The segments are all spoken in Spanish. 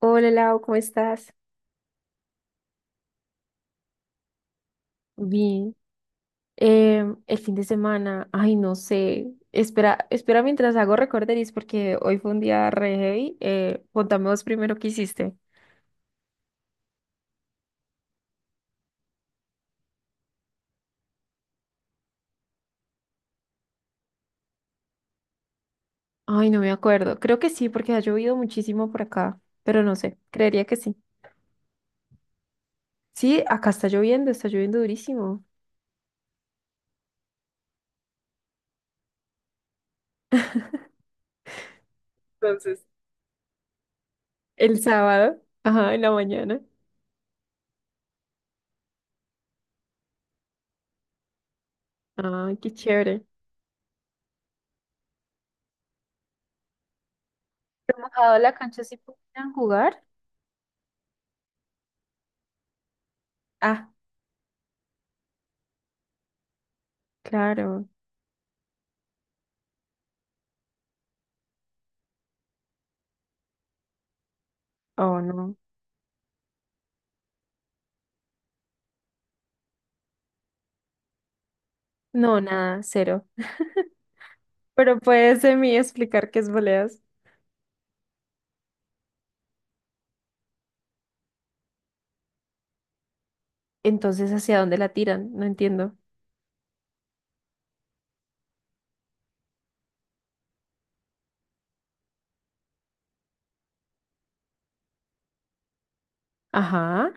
Hola Lau, ¿cómo estás? Bien, el fin de semana, ay, no sé, espera, espera mientras hago recorderis porque hoy fue un día re heavy. Contame vos primero qué hiciste. Ay, no me acuerdo, creo que sí porque ha llovido muchísimo por acá, pero no sé, creería que sí. Sí, acá está lloviendo durísimo. Entonces, el sábado, ajá, en la mañana. Ay, qué chévere. ¿Te mojado la cancha si pudieran jugar? Ah, claro. Oh, no. No, nada, cero. Pero puedes de mí explicar qué es voleas. Entonces, ¿hacia dónde la tiran? No entiendo. Ajá.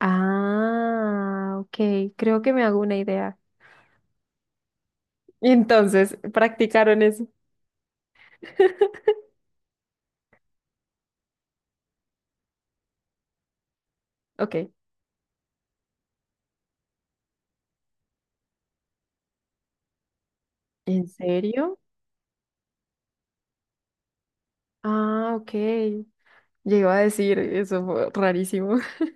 Ah, ok. Creo que me hago una idea. Y entonces, practicaron eso. Ok. ¿En serio? Ah, ok. Yo iba a decir, eso fue rarísimo.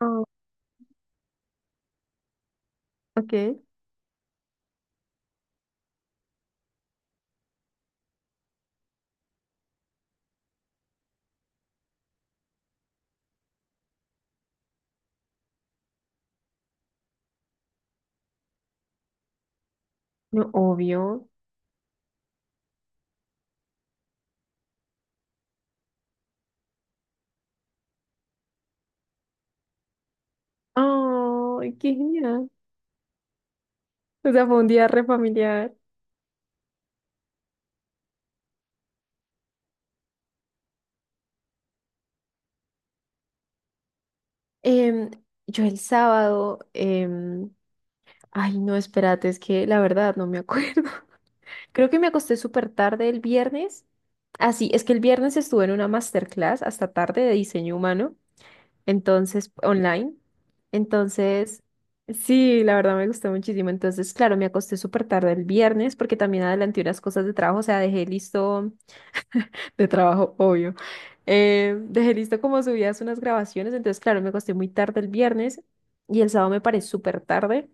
Oh, ok. No, obvio. Ay, qué genial. O sea, fue un día re familiar. Em, yo el sábado, ay, no, espérate, es que la verdad no me acuerdo. Creo que me acosté súper tarde el viernes. Así, es que el viernes estuve en una masterclass hasta tarde de diseño humano, entonces, online. Entonces, sí, la verdad me gustó muchísimo. Entonces, claro, me acosté súper tarde el viernes porque también adelanté unas cosas de trabajo, o sea, dejé listo de trabajo, obvio. Dejé listo como subidas unas grabaciones, entonces, claro, me acosté muy tarde el viernes y el sábado me paré súper tarde,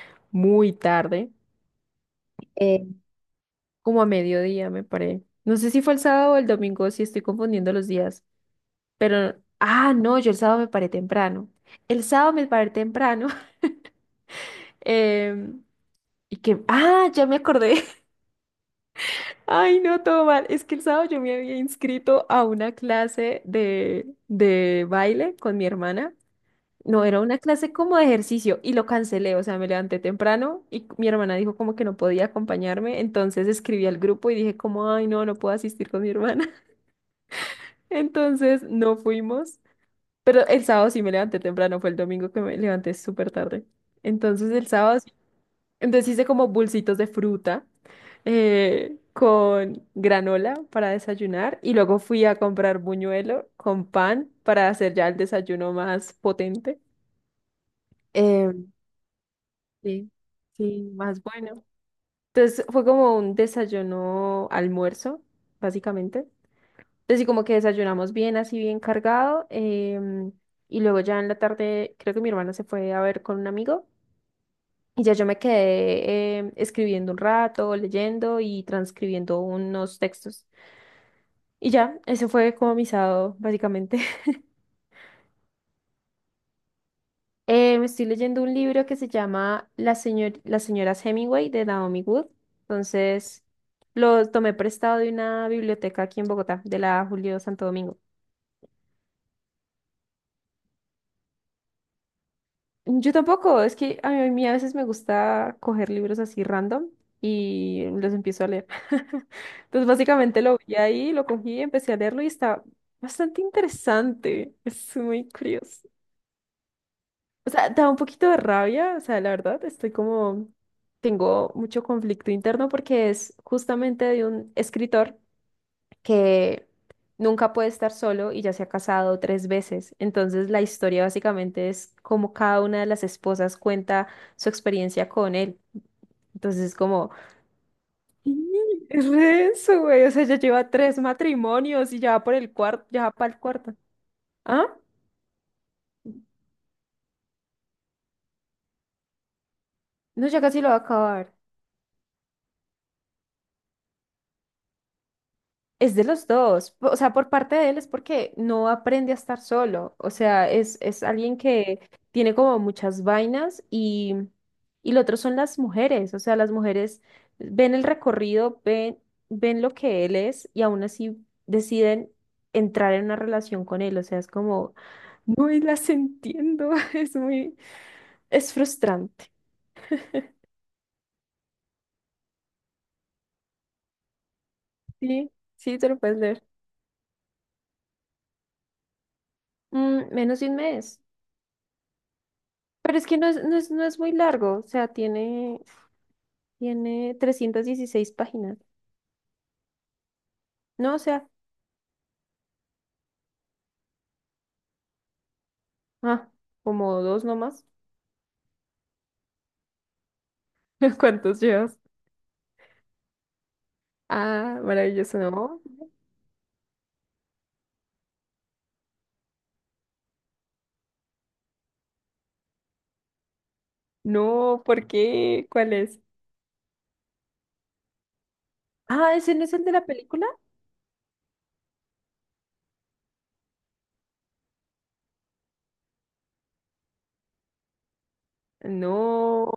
muy tarde. Como a mediodía, me paré. No sé si fue el sábado o el domingo, si estoy confundiendo los días, pero, ah, no, yo el sábado me paré temprano. El sábado me paré temprano. em, y que, ah, ya me acordé. Ay, no, todo mal. Es que el sábado yo me había inscrito a una clase de baile con mi hermana. No, era una clase como de ejercicio y lo cancelé, o sea, me levanté temprano y mi hermana dijo como que no podía acompañarme, entonces escribí al grupo y dije como, ay, no, no puedo asistir con mi hermana. Entonces no fuimos, pero el sábado sí me levanté temprano, fue el domingo que me levanté súper tarde. Entonces el sábado, sí- entonces hice como bolsitos de fruta con granola para desayunar y luego fui a comprar buñuelo con pan para hacer ya el desayuno más potente. Eh, sí, sí, más bueno. Entonces fue como un desayuno almuerzo, básicamente. Entonces, sí, como que desayunamos bien, así bien cargado. em, y luego ya en la tarde, creo que mi hermana se fue a ver con un amigo. Y ya yo me quedé escribiendo un rato, leyendo y transcribiendo unos textos. Y ya, ese fue como mi sábado, básicamente. Me estoy leyendo un libro que se llama La señor Las señoras Hemingway de Naomi Wood. Entonces, lo tomé prestado de una biblioteca aquí en Bogotá, de la Julio Santo Domingo. Yo tampoco, es que a mí a veces me gusta coger libros así random y los empiezo a leer. Entonces básicamente lo vi ahí, lo cogí, empecé a leerlo y está bastante interesante. Es muy curioso. O sea, da un poquito de rabia, o sea, la verdad, estoy como, tengo mucho conflicto interno porque es justamente de un escritor que nunca puede estar solo y ya se ha casado tres veces. Entonces la historia básicamente es cómo cada una de las esposas cuenta su experiencia con él. Entonces es como, "Mm, es re denso, güey. O sea, ya lleva tres matrimonios y ya va por el cuarto, ya va para el cuarto. ¿Ah? No, ya casi lo va a acabar. Es de los dos, po- o sea, por parte de él es porque no aprende a estar solo, o sea, es alguien que tiene como muchas vainas y lo otro son las mujeres, o sea, las mujeres ven el recorrido, ven lo que él es y aún así deciden entrar en una relación con él, o sea, es como, no y las entiendo, es muy, es frustrante, sí, sí, te lo puedes leer. Mm, menos de un mes, pero es que no es muy largo, o sea, tiene... Tiene 316 páginas. No, o sea, ah, como dos nomás. ¿Cuántos llevas? Ah, maravilloso, no. No, ¿por qué? ¿Cuál es? Ah, ¿ese no es el de la película? No.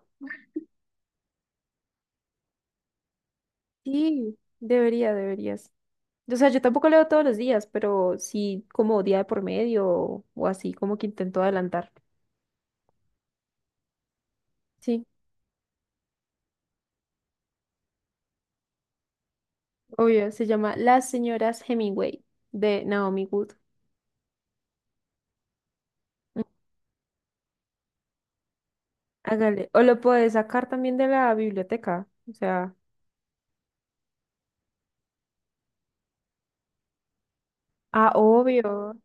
Sí, debería, deberías. O sea, yo tampoco leo todos los días, pero sí como día de por medio o así, como que intento adelantar. Sí, obvio, se llama Las señoras Hemingway de Naomi Wood. Mm, hágale. O lo puedes sacar también de la biblioteca. O sea, ah, obvio.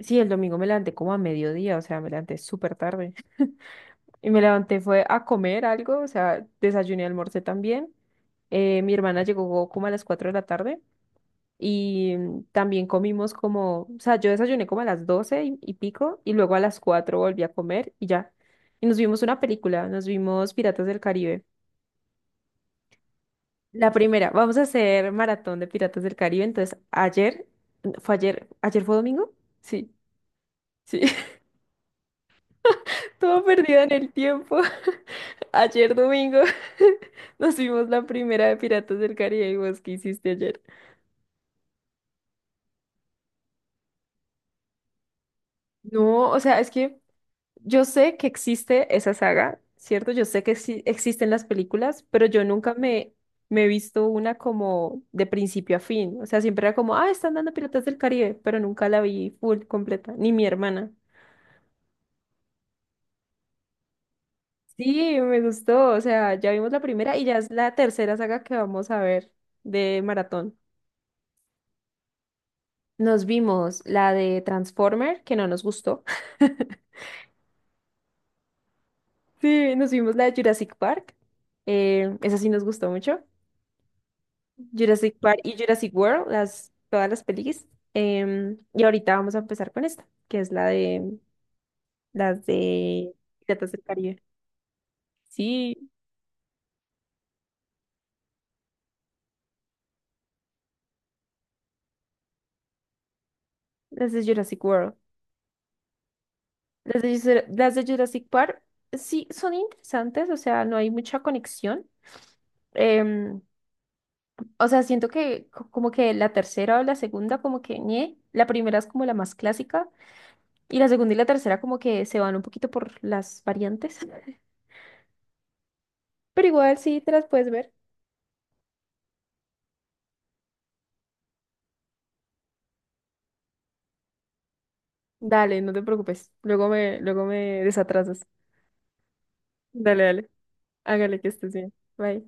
Sí, el domingo me levanté como a mediodía, o sea, me levanté súper tarde. Y me levanté fue a comer algo, o sea, desayuné, almorcé también. Mi hermana llegó como a las 4 de la tarde y mm, también comimos como, o sea, yo desayuné como a las 12 y pico y luego a las 4 volví a comer y ya. Y nos vimos una película, nos vimos Piratas del Caribe. La primera, vamos a hacer maratón de Piratas del Caribe. Entonces, ayer, fue ayer, ayer fue domingo, sí, sí. Todo perdido en el tiempo. Ayer domingo nos vimos la primera de Piratas del Caribe y vos, ¿qué hiciste ayer? No, o sea, es que yo sé que existe esa saga, ¿cierto? Yo sé que sí existen las películas, pero yo nunca me he visto una como de principio a fin. O sea, siempre era como, ah, están dando Piratas del Caribe, pero nunca la vi full, completa, ni mi hermana. Sí, me gustó, o sea, ya vimos la primera y ya es la tercera saga que vamos a ver de maratón. Nos vimos la de Transformer, que no nos gustó. Sí, nos vimos la de Jurassic Park. Esa sí nos gustó mucho. Jurassic Park y Jurassic World, las, todas las pelis. Y ahorita vamos a empezar con esta, que es la de las de Piratas del Caribe. Sí, las de Jurassic World. Las de, Jura- las de Jurassic Park, sí, son interesantes, o sea, no hay mucha conexión. Em, O sea, siento que co- como que la tercera o la segunda como que ñe, la primera es como la más clásica y la segunda y la tercera como que se van un poquito por las variantes, pero igual sí te las puedes ver. Dale, no te preocupes. Luego me desatrasas. Dale, dale. Hágale que estés bien. Bye.